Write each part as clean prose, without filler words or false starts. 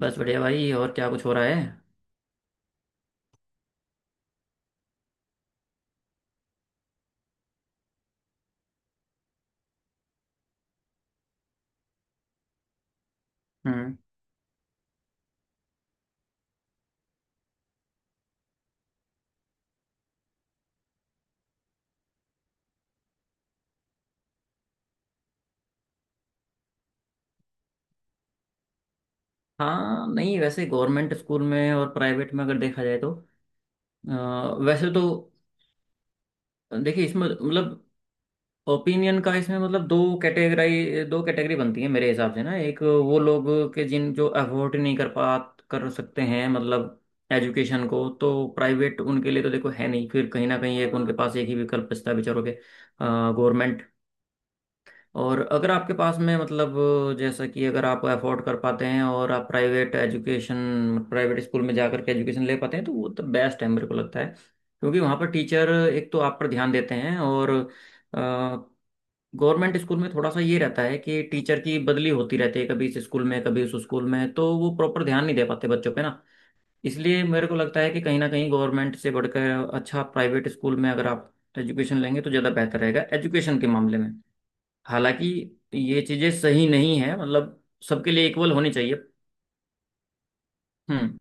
बस बढ़िया भाई। और क्या कुछ हो रहा है? हम्म। हाँ, नहीं, वैसे गवर्नमेंट स्कूल में और प्राइवेट में अगर देखा जाए तो अ, वैसे तो देखिए, इसमें मतलब ओपिनियन का, इसमें मतलब दो कैटेगरी बनती है मेरे हिसाब से ना। एक वो लोग के जिन जो अफोर्ड नहीं कर सकते हैं, मतलब एजुकेशन को, तो प्राइवेट उनके लिए तो देखो है नहीं, फिर कहीं ना कहीं एक उनके पास एक ही विकल्प बचता है बेचारों के — गवर्नमेंट। और अगर आपके पास में, मतलब जैसा कि अगर आप अफोर्ड कर पाते हैं और आप प्राइवेट एजुकेशन, प्राइवेट स्कूल में जाकर के एजुकेशन ले पाते हैं, तो वो तो बेस्ट है मेरे को लगता है। क्योंकि वहाँ पर टीचर एक तो आप पर ध्यान देते हैं, और गवर्नमेंट स्कूल में थोड़ा सा ये रहता है कि टीचर की बदली होती रहती है, कभी इस स्कूल में कभी उस स्कूल में, तो वो प्रॉपर ध्यान नहीं दे पाते बच्चों पे ना। इसलिए मेरे को लगता है कि कहीं ना कहीं गवर्नमेंट से बढ़कर अच्छा प्राइवेट स्कूल में अगर आप एजुकेशन लेंगे तो ज़्यादा बेहतर रहेगा एजुकेशन के मामले में। हालांकि ये चीजें सही नहीं है, मतलब सबके लिए इक्वल होनी चाहिए। हम्म।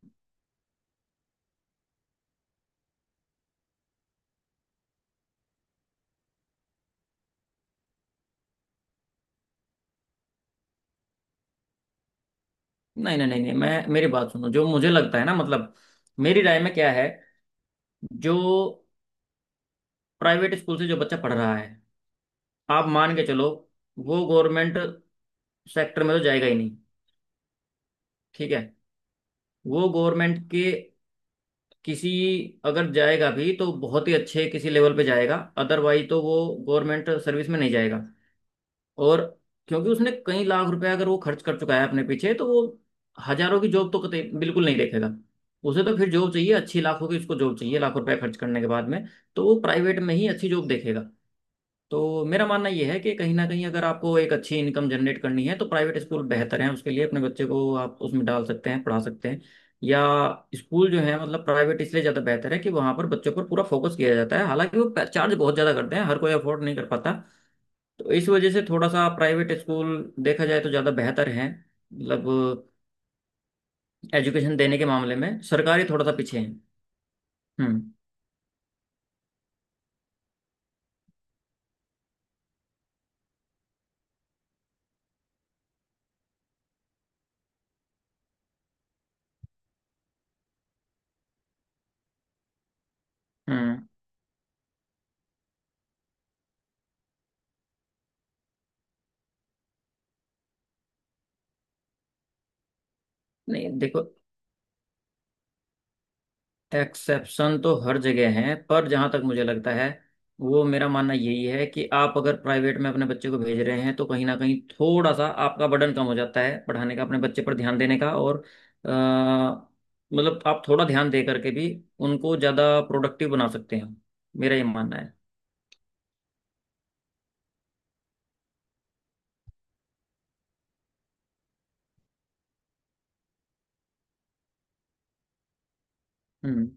नहीं, नहीं, नहीं, नहीं, मैं, मेरी बात सुनो। जो मुझे लगता है ना, मतलब मेरी राय में क्या है — जो प्राइवेट स्कूल से जो बच्चा पढ़ रहा है, आप मान के चलो, वो गवर्नमेंट सेक्टर में तो जाएगा ही नहीं। ठीक है? वो गवर्नमेंट के किसी, अगर जाएगा भी तो बहुत ही अच्छे किसी लेवल पे जाएगा, अदरवाइज तो वो गवर्नमेंट सर्विस में नहीं जाएगा। और क्योंकि उसने कई लाख रुपए अगर वो खर्च कर चुका है अपने पीछे, तो वो हजारों की जॉब तो कतई बिल्कुल नहीं देखेगा। उसे तो फिर जॉब चाहिए अच्छी, लाखों की उसको जॉब चाहिए लाखों रुपए खर्च करने के बाद में। तो वो प्राइवेट में ही अच्छी जॉब देखेगा। तो मेरा मानना यह है कि कहीं ना कहीं अगर आपको एक अच्छी इनकम जनरेट करनी है तो प्राइवेट स्कूल बेहतर है उसके लिए, अपने बच्चे को आप उसमें डाल सकते हैं, पढ़ा सकते हैं। या स्कूल जो है, मतलब प्राइवेट इसलिए ज़्यादा बेहतर है कि वहाँ पर बच्चों पर पूरा फोकस किया जाता है। हालांकि वो चार्ज बहुत ज़्यादा करते हैं, हर कोई अफोर्ड नहीं कर पाता। तो इस वजह से थोड़ा सा प्राइवेट स्कूल देखा जाए तो ज़्यादा बेहतर है, मतलब एजुकेशन देने के मामले में सरकारी थोड़ा सा पीछे है। हम्म। हम्म। नहीं, देखो, एक्सेप्शन तो हर जगह है, पर जहाँ तक मुझे लगता है, वो मेरा मानना यही है कि आप अगर प्राइवेट में अपने बच्चे को भेज रहे हैं तो कहीं ना कहीं थोड़ा सा आपका बर्डन कम हो जाता है पढ़ाने का, अपने बच्चे पर ध्यान देने का। और अ, मतलब आप थोड़ा ध्यान दे करके भी उनको ज़्यादा प्रोडक्टिव बना सकते हैं। मेरा ये मानना है। हम्म।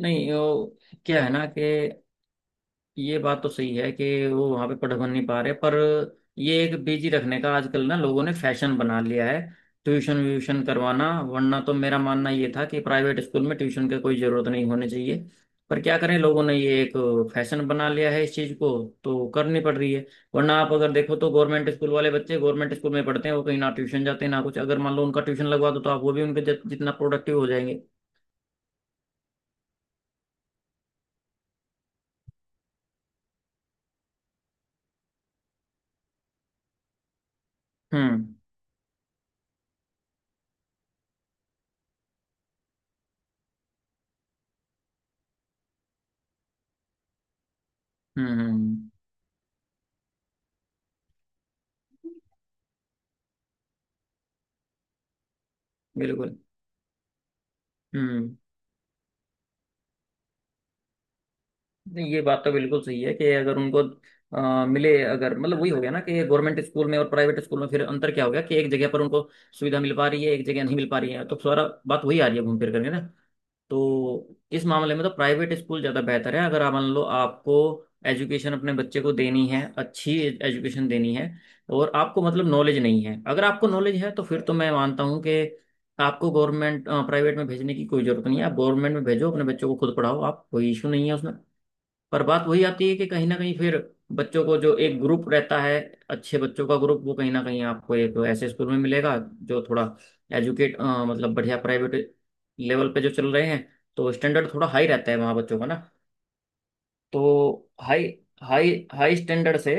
नहीं, वो क्या है ना कि ये बात तो सही है कि वो वहां पे पढ़ बन नहीं पा रहे, पर ये एक बिजी रखने का आजकल ना लोगों ने फैशन बना लिया है, ट्यूशन व्यूशन करवाना। वरना तो मेरा मानना ये था कि प्राइवेट स्कूल में ट्यूशन की कोई जरूरत नहीं होनी चाहिए। पर क्या करें, लोगों ने ये एक फैशन बना लिया है इस चीज को, तो करनी पड़ रही है। वरना आप अगर देखो तो गवर्नमेंट स्कूल वाले बच्चे गवर्नमेंट स्कूल में पढ़ते हैं, वो कहीं ना ट्यूशन जाते हैं ना कुछ। अगर मान लो उनका ट्यूशन लगवा दो, तो आप वो भी उनके जितना प्रोडक्टिव हो जाएंगे। हम्म। हम्म। हम्म। बिल्कुल। हम्म। नहीं, ये बात तो बिल्कुल सही है कि अगर उनको मिले, अगर, मतलब वही हो गया ना कि गवर्नमेंट स्कूल में और प्राइवेट स्कूल में फिर अंतर क्या हो गया, कि एक जगह पर उनको सुविधा मिल पा रही है, एक जगह नहीं मिल पा रही है, तो सारा बात वही आ रही है घूम फिर करके ना। तो इस मामले में तो प्राइवेट स्कूल ज़्यादा बेहतर है। अगर आप मान लो आपको एजुकेशन अपने बच्चे को देनी है अच्छी, एजुकेशन देनी है, और आपको मतलब नॉलेज नहीं है। अगर आपको नॉलेज है तो फिर तो मैं मानता हूँ कि आपको गवर्नमेंट प्राइवेट में भेजने की कोई जरूरत नहीं है, आप गवर्नमेंट में भेजो अपने बच्चों को, खुद पढ़ाओ आप, कोई इशू नहीं है उसमें। पर बात वही आती है कि कहीं ना कहीं फिर बच्चों को जो एक ग्रुप रहता है, अच्छे बच्चों का ग्रुप, वो कहीं ना कहीं आपको एक ऐसे स्कूल में मिलेगा जो थोड़ा एजुकेट, मतलब बढ़िया प्राइवेट लेवल पे जो चल रहे हैं, तो स्टैंडर्ड थोड़ा हाई रहता है वहाँ बच्चों का ना। तो हाई हाई हाई स्टैंडर्ड से,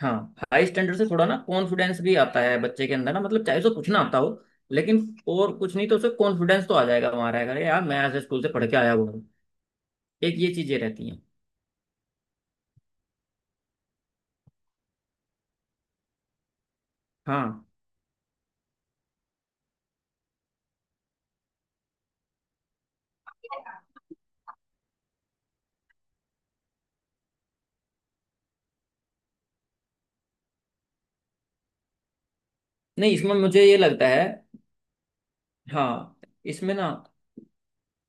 हाँ, हाई स्टैंडर्ड से थोड़ा ना कॉन्फिडेंस भी आता है बच्चे के अंदर ना। मतलब चाहे उसे कुछ ना आता हो, लेकिन और कुछ नहीं तो उसे कॉन्फिडेंस तो आ जाएगा, वहाँ रहेगा "अरे यार, मैं ऐसे स्कूल से पढ़ के आया हुआ हूँ"। एक ये चीजें रहती हैं। हाँ। नहीं, इसमें मुझे ये लगता है। हाँ, इसमें ना,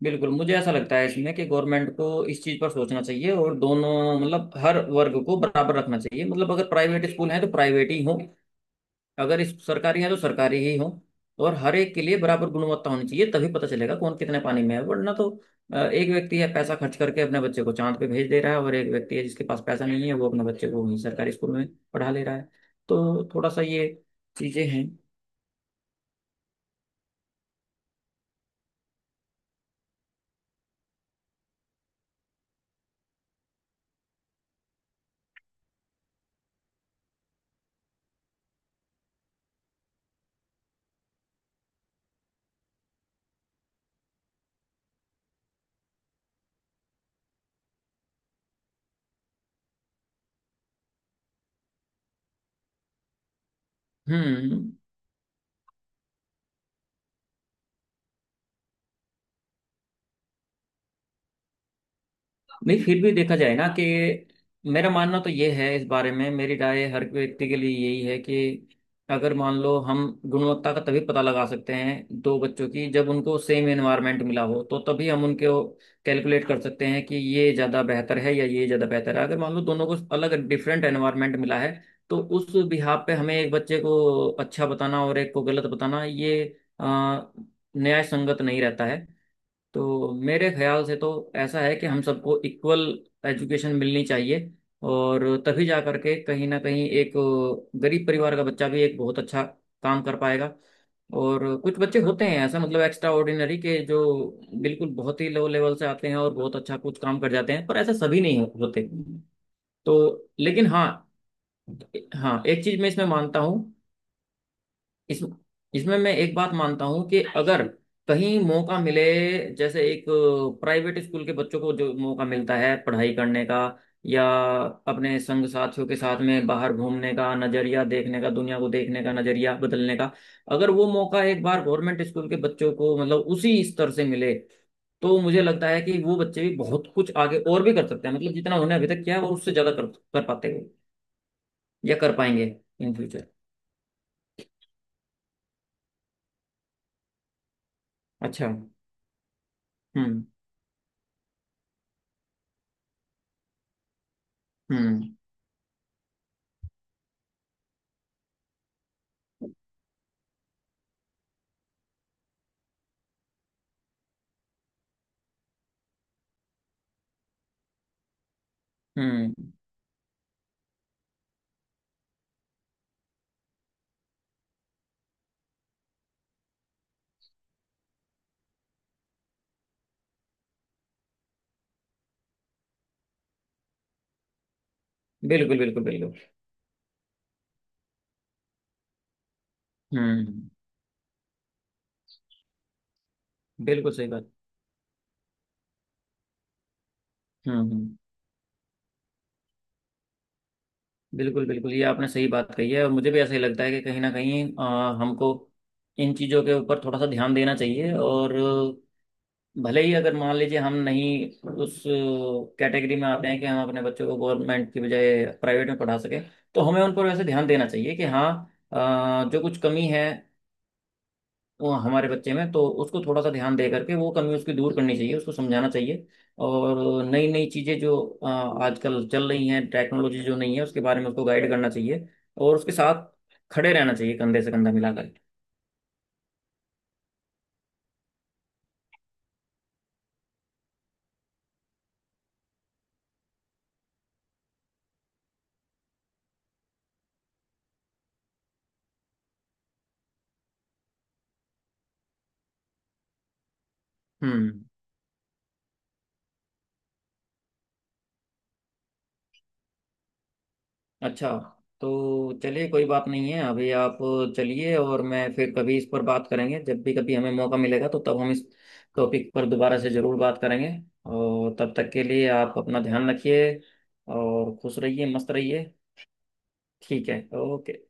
बिल्कुल मुझे ऐसा लगता है इसमें, कि गवर्नमेंट को इस चीज़ पर सोचना चाहिए और दोनों, मतलब हर वर्ग को बराबर रखना चाहिए। मतलब अगर प्राइवेट स्कूल हैं तो प्राइवेट ही हों, अगर इस सरकारी हैं तो सरकारी ही हों, और हर एक के लिए बराबर गुणवत्ता होनी चाहिए, तभी पता चलेगा कौन कितने पानी में है। वरना तो एक व्यक्ति है पैसा खर्च करके अपने बच्चे को चांद पे भेज दे रहा है, और एक व्यक्ति है जिसके पास पैसा नहीं है, वो अपने बच्चे को वहीं सरकारी स्कूल में पढ़ा ले रहा है। तो थोड़ा सा ये चीज़ें हैं। हम्म। नहीं, फिर भी देखा जाए ना कि मेरा मानना तो ये है, इस बारे में मेरी राय हर व्यक्ति के लिए यही है कि अगर मान लो हम गुणवत्ता का तभी पता लगा सकते हैं दो बच्चों की जब उनको सेम एनवायरनमेंट मिला हो, तो तभी हम उनके कैलकुलेट कर सकते हैं कि ये ज़्यादा बेहतर है या ये ज़्यादा बेहतर है। अगर मान लो दोनों को अलग डिफरेंट एनवायरनमेंट मिला है, तो उस बिहाफ पे हमें एक बच्चे को अच्छा बताना और एक को गलत बताना, ये अ, न्याय संगत नहीं रहता है। तो मेरे ख्याल से तो ऐसा है कि हम सबको इक्वल एजुकेशन मिलनी चाहिए, और तभी जा करके कहीं ना कहीं एक गरीब परिवार का बच्चा भी एक बहुत अच्छा काम कर पाएगा। और कुछ बच्चे होते हैं ऐसा, मतलब एक्स्ट्रा ऑर्डिनरी के, जो बिल्कुल बहुत ही लो लेवल से आते हैं और बहुत अच्छा कुछ काम कर जाते हैं, पर ऐसा सभी नहीं होते। तो लेकिन हाँ, हाँ, एक चीज मैं इसमें मानता हूँ। इस, इसमें मैं एक बात मानता हूँ कि अगर कहीं मौका मिले, जैसे एक प्राइवेट स्कूल के बच्चों को जो मौका मिलता है पढ़ाई करने का, या अपने संग साथियों के साथ में बाहर घूमने का, नज़रिया देखने का, दुनिया को देखने का नज़रिया बदलने का — अगर वो मौका एक बार गवर्नमेंट स्कूल के बच्चों को, मतलब उसी स्तर से मिले, तो मुझे लगता है कि वो बच्चे भी बहुत कुछ आगे और भी कर सकते हैं, मतलब जितना उन्होंने अभी तक किया है वो उससे ज़्यादा कर कर पाते हैं, या कर पाएंगे इन फ्यूचर। अच्छा। हम्म। हम्म। हम्म। बिल्कुल, बिल्कुल, बिल्कुल। हम्म। बिल्कुल सही बात। हम्म, हम्म। बिल्कुल बिल्कुल, ये आपने सही बात कही है, और मुझे भी ऐसा ही लगता है कि कहीं ना कहीं हमको इन चीज़ों के ऊपर थोड़ा सा ध्यान देना चाहिए। और भले ही अगर मान लीजिए हम नहीं उस कैटेगरी में आते हैं कि हम अपने बच्चों को गवर्नमेंट की बजाय प्राइवेट में पढ़ा सकें, तो हमें उन पर वैसे ध्यान देना चाहिए कि हाँ, जो कुछ कमी है वो हमारे बच्चे में, तो उसको थोड़ा सा ध्यान दे करके वो कमी उसकी दूर करनी चाहिए, उसको समझाना चाहिए। और नई नई चीज़ें जो आजकल चल रही हैं, टेक्नोलॉजी जो नहीं है उसके बारे में उसको गाइड करना चाहिए, और उसके साथ खड़े रहना चाहिए कंधे से कंधा मिलाकर। हम्म। अच्छा, तो चलिए कोई बात नहीं है। अभी आप चलिए, और मैं फिर कभी इस पर बात करेंगे। जब भी कभी हमें मौका मिलेगा तो तब हम इस टॉपिक पर दोबारा से ज़रूर बात करेंगे। और तब तक के लिए आप अपना ध्यान रखिए, और खुश रहिए, मस्त रहिए। ठीक है, ओके।